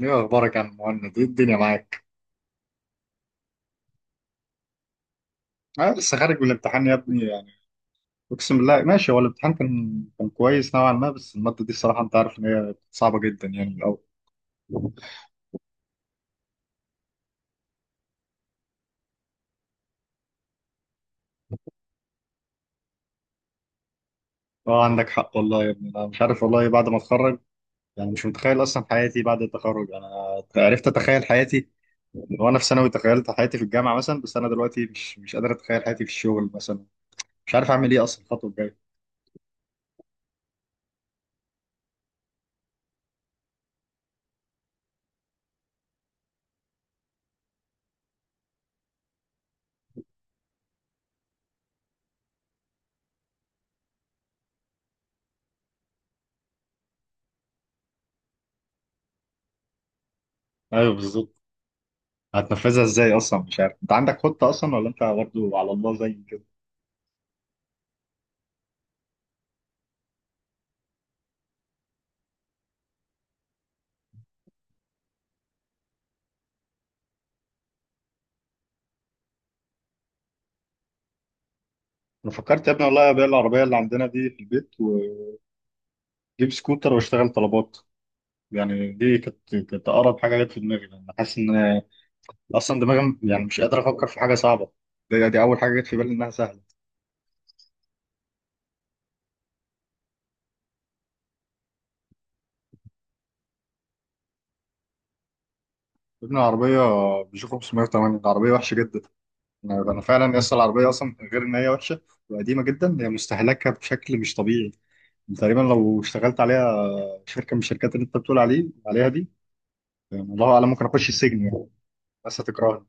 ايه اخبارك يا عم مهند؟ ايه الدنيا معاك؟ انا لسه خارج من الامتحان يا ابني يعني. اقسم بالله ماشي، هو الامتحان كان كويس نوعا ما، بس الماده دي الصراحه انت عارف ان هي صعبه جدا يعني من الاول. اه عندك حق والله يا ابني، انا مش عارف والله بعد ما اتخرج. يعني مش متخيل اصلا حياتي بعد التخرج. انا عرفت اتخيل حياتي وانا في ثانوي، تخيلت حياتي في الجامعه مثلا، بس انا دلوقتي مش قادر اتخيل حياتي في الشغل مثلا. مش عارف اعمل ايه اصلا الخطوه الجايه. ايوه بالظبط. هتنفذها ازاي اصلا؟ مش عارف، انت عندك خطه اصلا ولا انت برضه على الله زي انا؟ فكرت يا ابني والله ابيع العربيه اللي عندنا دي في البيت واجيب سكوتر واشتغل طلبات. يعني دي كانت اقرب حاجه جت في دماغي لان حاسس ان اصلا دماغي، يعني مش قادر افكر في حاجه صعبه. دي اول حاجه جت في بالي انها سهله. ابن العربيه بيشوف. 508 العربيه وحشه جدا. انا فعلا اصلا العربيه، اصلا غير ان هي وحشه وقديمه جدا، هي مستهلكه بشكل مش طبيعي. يعني تقريبا لو اشتغلت عليها شركه من الشركات اللي انت بتقول عليها دي، يعني الله اعلم ممكن اخش السجن يعني. بس هتكرهني.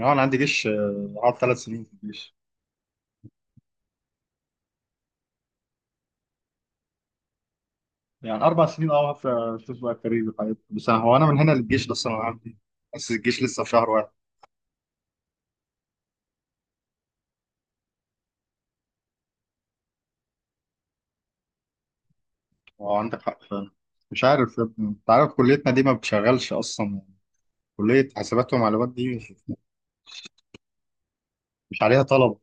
اه انا عندي جيش. قعدت ثلاث سنين في الجيش. يعني اربع سنين، اه، في شوف بقى الكارير والحاجات دي. هو انا من هنا للجيش، بس انا عندي، بس الجيش لسه في شهر واحد. هو عندك حق فعلا. مش عارف يا ابني، انت عارف كليتنا دي ما بتشغلش اصلا. كليه حاسبات ومعلومات دي مش عليها طلب.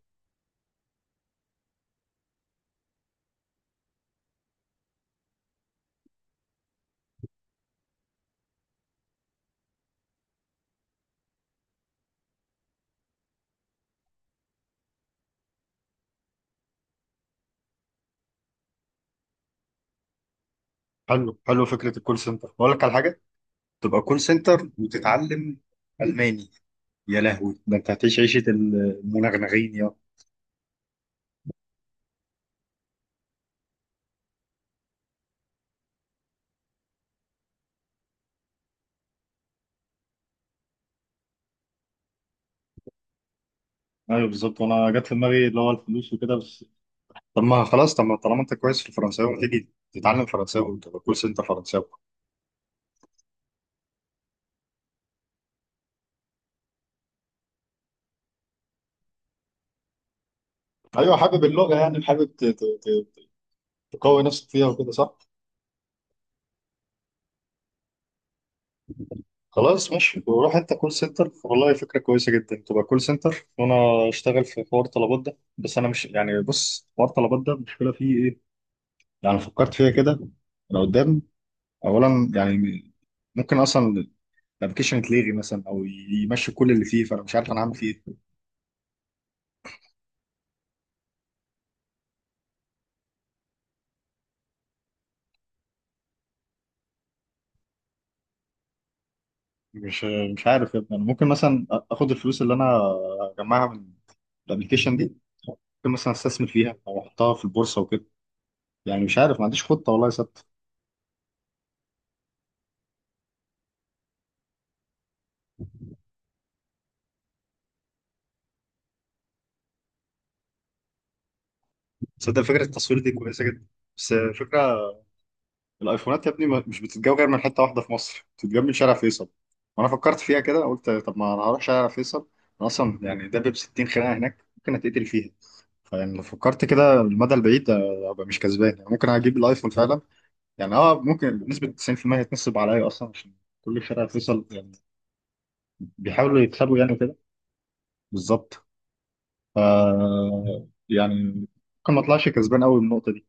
حلو حلو، فكره الكول سنتر. بقول لك على حاجه، تبقى كول سنتر وتتعلم الماني، يا لهوي ده انت هتعيش عيشه المنغنغين يا. ايوه بالظبط، وانا جت في دماغي اللي هو الفلوس وكده بس. طب ما خلاص، طب ما طالما انت كويس في الفرنساوي تيجي تتعلم فرنساوي وتبقى كول سنتر فرنساوي. ايوه حابب اللغه، يعني حابب تقوي نفسك فيها وكده صح؟ خلاص ماشي وروح انت كول سنتر والله، فكره كويسه جدا تبقى كول سنتر وانا اشتغل في حوار طلبات ده. بس انا مش يعني، بص، حوار طلبات ده المشكله فيه ايه، يعني فكرت فيها كده انا قدام. اولا يعني ممكن اصلا الابلكيشن يتلغي مثلا، او يمشي كل اللي فيه، فانا مش عارف انا هعمل فيه ايه. مش مش عارف يا ابني، انا ممكن مثلا اخد الفلوس اللي انا اجمعها من الابلكيشن دي، ممكن مثلا استثمر فيها او احطها في البورصه وكده. يعني مش عارف، ما عنديش خطه والله ثابته. تصدق فكره التصوير دي كويسه جدا. بس فكره الايفونات يا ابني مش بتتجاب غير من حته واحده في مصر، بتتجاب من شارع فيصل. وانا فكرت فيها كده قلت طب ما انا هروح شارع فيصل. انا اصلا يعني ده ب 60 خناقه هناك، ممكن اتقتل فيها. فيعني لو فكرت كده المدى البعيد ابقى مش كسبان، يعني ممكن اجيب الايفون فعلا. يعني اه ممكن بنسبة 90% هيتنصب عليا اصلا، عشان كل الفرق هتوصل يعني، بيحاولوا يكسبوا يعني كده. بالظبط. ف يعني ممكن ما اطلعش كسبان قوي من النقطة دي.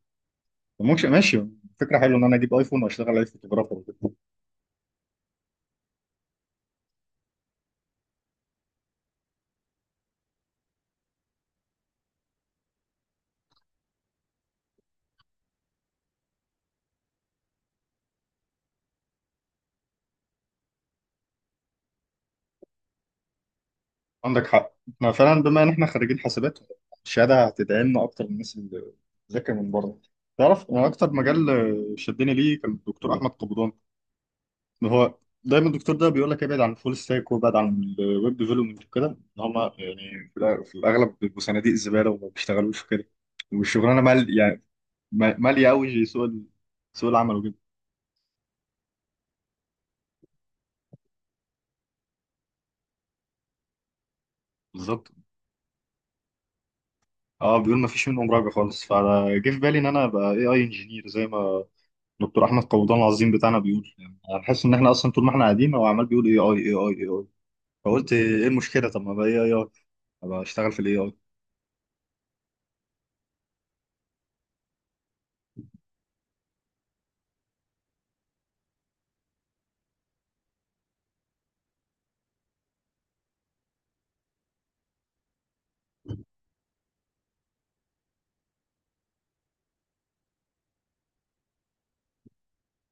ممكن ماشي، فكرة حلوة ان انا اجيب ايفون واشتغل عليه فوتوغرافر وكده. عندك حق، احنا فعلا بما ان احنا خريجين حاسبات، الشهادة هتدعي لنا اكتر من الناس اللي بتذاكر من بره. تعرف انا اكتر مجال شدني ليه كان الدكتور احمد قبضان. ما هو دايما الدكتور ده بيقول لك ابعد عن الفول ستاك وابعد عن الويب ديفلوبمنت وكده، ان هم يعني في الاغلب بيبقوا صناديق زباله وما بيشتغلوش في كده، والشغلانه مال يعني، ماليه قوي سوق سوق العمل وكده. بالظبط. اه بيقول ما فيش منهم راجع خالص. فجه في بالي ان انا ابقى اي اي انجينير زي ما دكتور احمد قبضان العظيم بتاعنا بيقول. يعني هنحس ان احنا اصلا طول ما احنا قاعدين هو عمال بيقول اي اي اي اي اي. فقلت ايه المشكله، طب ما ابقى اي اي اي، ابقى اشتغل في الاي اي.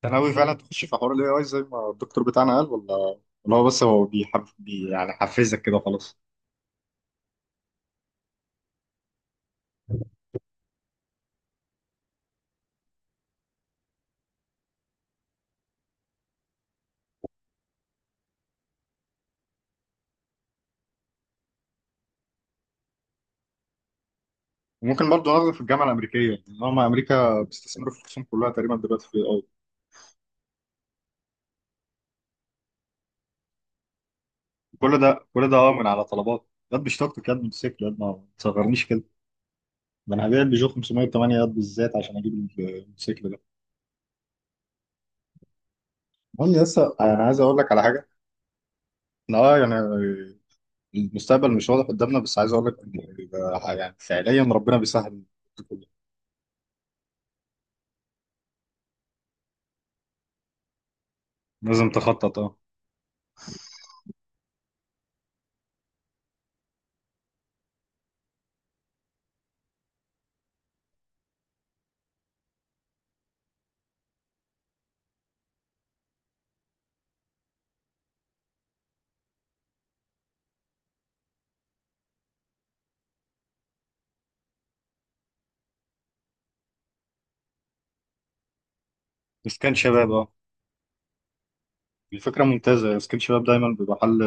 انت ناوي فعلا تخش في حوار الاي اي زي ما الدكتور بتاعنا قال، ولا هو بس هو بيحف بي، يعني حفزك كده خلاص؟ وممكن برضه ناخده في الجامعه الامريكيه، لان هم امريكا بيستثمروا في الخصوم كلها تقريبا دلوقتي في الاي اي. كل ده اه من على طلبات. ياد بيشتغل كده من موتوسيكل، ياد ما تصغرنيش كده، ده انا هبيع البيجو 508 ياد بالذات عشان اجيب الموتوسيكل ده. المهم، لسه انا عايز اقول لك على حاجه، إن اه يعني المستقبل مش واضح قدامنا، بس عايز اقول لك يعني فعليا ربنا بيسهل كله. لازم تخطط اه. بس كان شباب اه، الفكرة ممتازة. سكيل شباب دايما بيبقى حل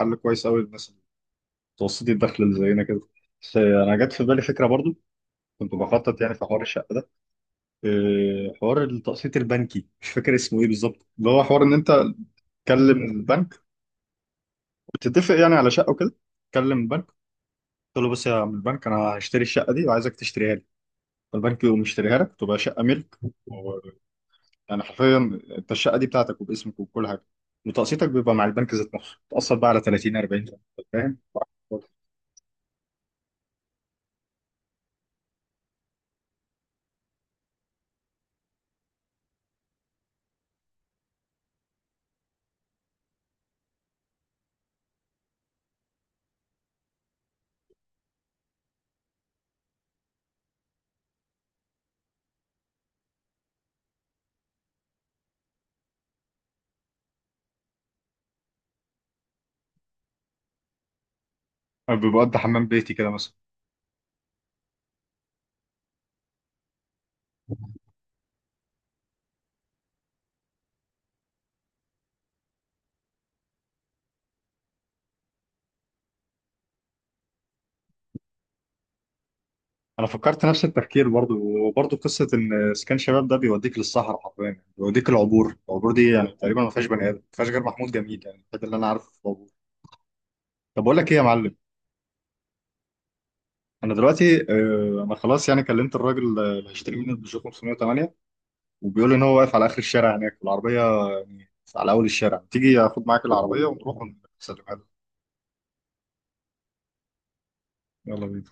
حل كويس قوي للناس متوسطي الدخل اللي زينا كده. بس أنا جت في بالي فكرة برضو، كنت بخطط يعني في حوار الشقة ده. إيه، حوار التقسيط البنكي، مش فاكر اسمه إيه بالظبط، اللي هو حوار إن أنت تكلم البنك وتتفق يعني على شقة وكده. تكلم البنك تقول له بص يا عم البنك، أنا هشتري الشقة دي وعايزك تشتريها لي، فالبنك يقوم يشتريها لك، تبقى شقة ملك، و- يعني حرفيا أنت الشقة دي بتاعتك وباسمك وكل حاجة، وتقسيطك بيبقى مع البنك ذات نفسه، تقسط بقى على 30 40، فاهم؟ ببقى حمام بيتي كده مثلا. انا فكرت نفس التفكير برضو، وبرضو قصه ان اسكان شباب ده بيوديك للصحراء حرفيا، يعني بيوديك العبور دي يعني تقريبا ما فيهاش بني ادم، ما فيهاش غير محمود جميل يعني الوحيد اللي انا عارفه في العبور. طب بقول لك ايه يا معلم، انا دلوقتي انا خلاص، يعني كلمت الراجل اللي هيشتري مني البيجو 508 وبيقول ان هو واقف على اخر الشارع هناك، والعربيه يعني على اول الشارع، تيجي اخد معاك العربيه ونروح ونسلمها له. يلا بينا.